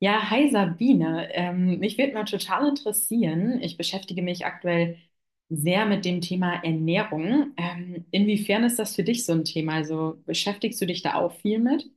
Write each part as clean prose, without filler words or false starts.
Ja, hi Sabine. Mich würde mal total interessieren. Ich beschäftige mich aktuell sehr mit dem Thema Ernährung. Inwiefern ist das für dich so ein Thema? Also beschäftigst du dich da auch viel mit?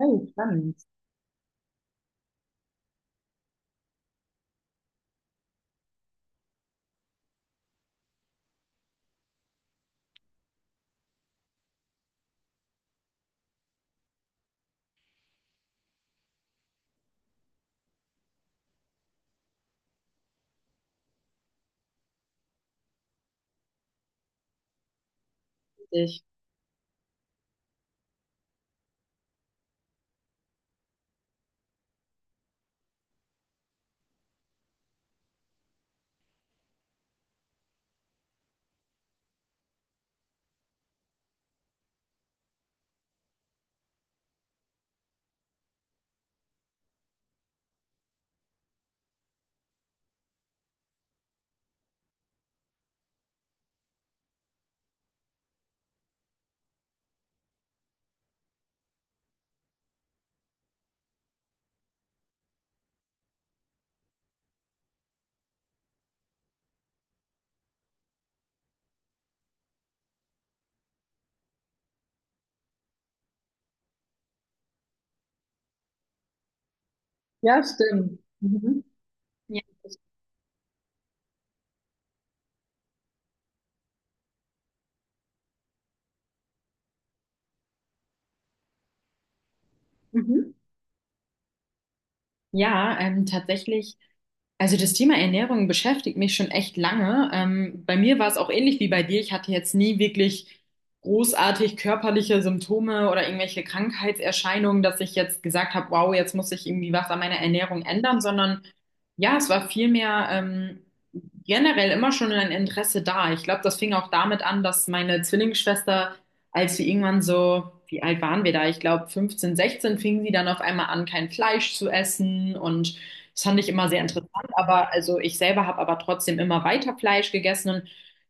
Oh, spannend. Richtig. Ja, stimmt. Mhm. Ja, richtig. Mhm. Ja, tatsächlich, also das Thema Ernährung beschäftigt mich schon echt lange. Bei mir war es auch ähnlich wie bei dir. Ich hatte jetzt nie wirklich großartig körperliche Symptome oder irgendwelche Krankheitserscheinungen, dass ich jetzt gesagt habe, wow, jetzt muss ich irgendwie was an meiner Ernährung ändern, sondern ja, es war vielmehr generell immer schon ein Interesse da. Ich glaube, das fing auch damit an, dass meine Zwillingsschwester, als wir irgendwann so, wie alt waren wir da? Ich glaube, 15, 16, fing sie dann auf einmal an, kein Fleisch zu essen. Und das fand ich immer sehr interessant. Aber also ich selber habe aber trotzdem immer weiter Fleisch gegessen. Und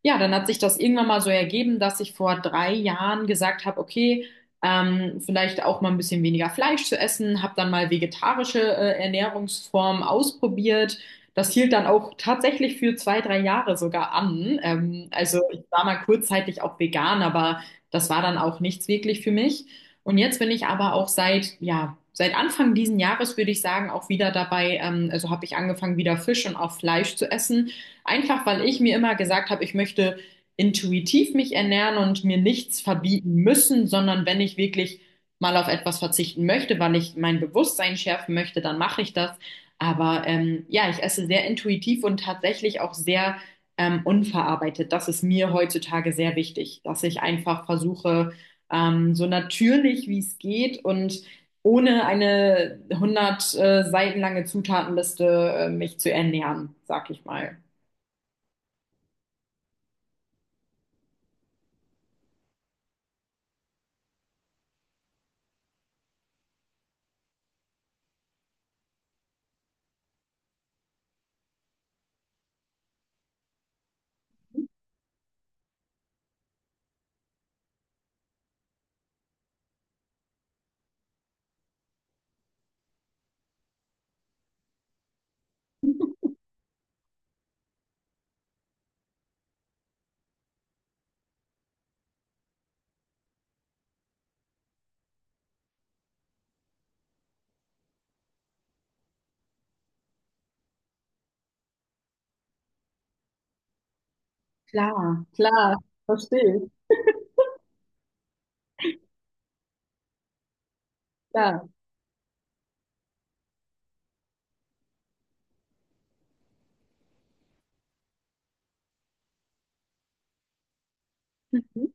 ja, dann hat sich das irgendwann mal so ergeben, dass ich vor 3 Jahren gesagt habe, okay, vielleicht auch mal ein bisschen weniger Fleisch zu essen, habe dann mal vegetarische Ernährungsformen ausprobiert. Das hielt dann auch tatsächlich für 2, 3 Jahre sogar an. Also ich war mal kurzzeitig auch vegan, aber das war dann auch nichts wirklich für mich. Und jetzt bin ich aber auch seit, ja, seit Anfang diesen Jahres würde ich sagen, auch wieder dabei, also habe ich angefangen, wieder Fisch und auch Fleisch zu essen. Einfach weil ich mir immer gesagt habe, ich möchte intuitiv mich ernähren und mir nichts verbieten müssen, sondern wenn ich wirklich mal auf etwas verzichten möchte, weil ich mein Bewusstsein schärfen möchte, dann mache ich das. Aber ja, ich esse sehr intuitiv und tatsächlich auch sehr unverarbeitet. Das ist mir heutzutage sehr wichtig, dass ich einfach versuche, so natürlich wie es geht und ohne eine 100 Seiten lange Zutatenliste mich zu ernähren, sag ich mal. Klar, klar, verstehe ich. Klar. Mhm.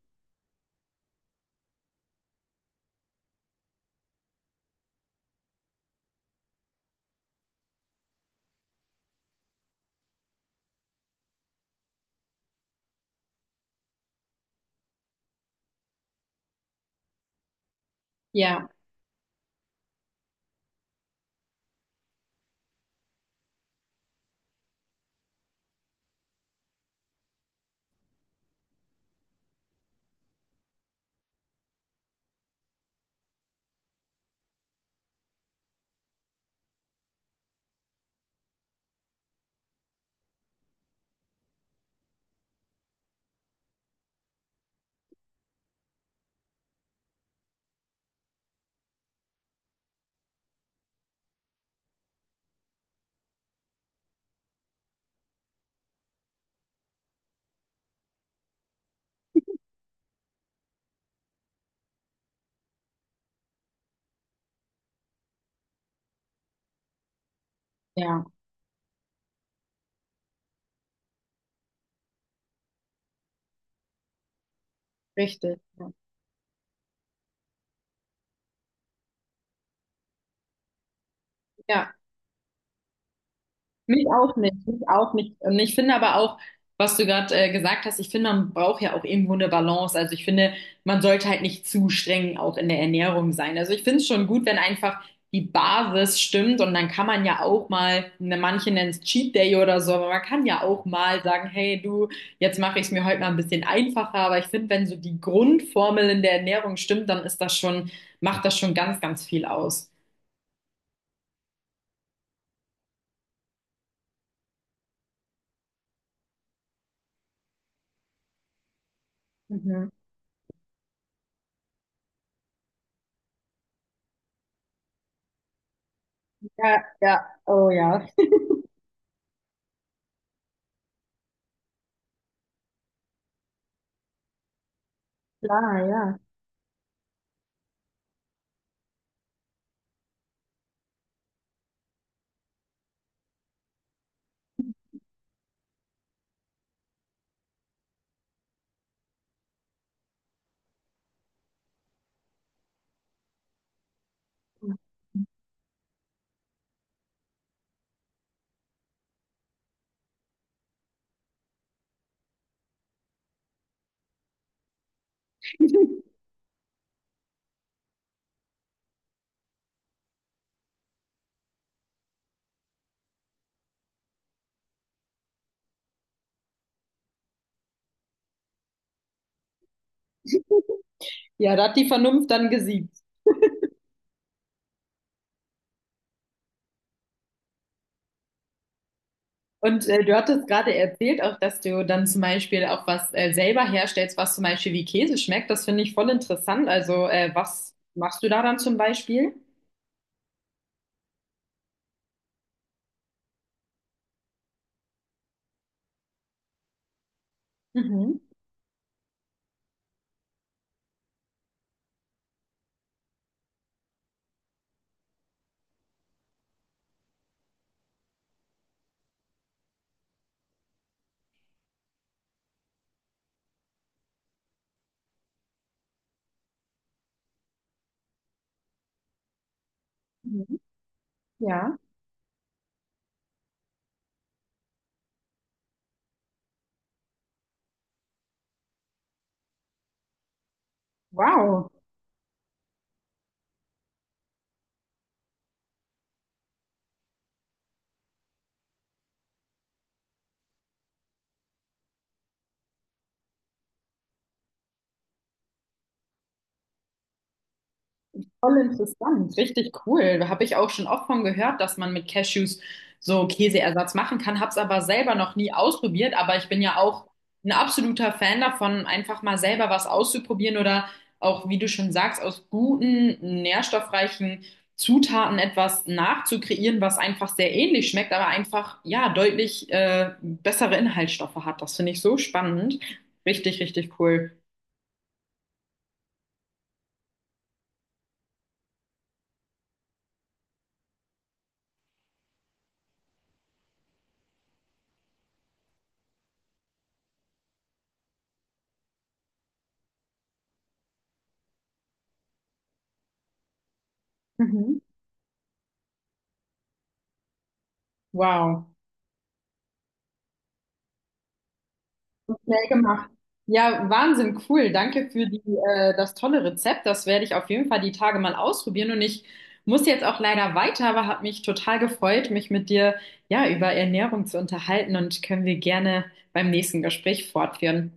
Ja, ja, richtig. Ja, ja, mich auch nicht, mich auch nicht. Und ich finde aber auch, was du gerade gesagt hast, ich finde, man braucht ja auch irgendwo eine Balance. Also ich finde, man sollte halt nicht zu streng auch in der Ernährung sein. Also ich finde es schon gut, wenn einfach die Basis stimmt und dann kann man ja auch mal, ne, manche nennen es Cheat Day oder so, aber man kann ja auch mal sagen, hey du, jetzt mache ich es mir heute mal ein bisschen einfacher. Aber ich finde, wenn so die Grundformel in der Ernährung stimmt, dann ist das schon, macht das schon ganz, ganz viel aus. Mhm. Ja, ja, oh ja, klar, ja. Ja, da hat die Vernunft dann gesiegt. Und du hattest gerade erzählt auch, dass du dann zum Beispiel auch was selber herstellst, was zum Beispiel wie Käse schmeckt. Das finde ich voll interessant. Also, was machst du da dann zum Beispiel? Mhm. Mhm. Ja, wow. Voll interessant, richtig cool. Da habe ich auch schon oft von gehört, dass man mit Cashews so Käseersatz machen kann, habe es aber selber noch nie ausprobiert. Aber ich bin ja auch ein absoluter Fan davon, einfach mal selber was auszuprobieren oder auch, wie du schon sagst, aus guten, nährstoffreichen Zutaten etwas nachzukreieren, was einfach sehr ähnlich schmeckt, aber einfach, ja, deutlich bessere Inhaltsstoffe hat. Das finde ich so spannend. Richtig, richtig cool. Mhm. Wow. Schnell gemacht. Ja, Wahnsinn, cool. Danke für die, das tolle Rezept. Das werde ich auf jeden Fall die Tage mal ausprobieren. Und ich muss jetzt auch leider weiter, aber habe mich total gefreut, mich mit dir ja über Ernährung zu unterhalten und können wir gerne beim nächsten Gespräch fortführen.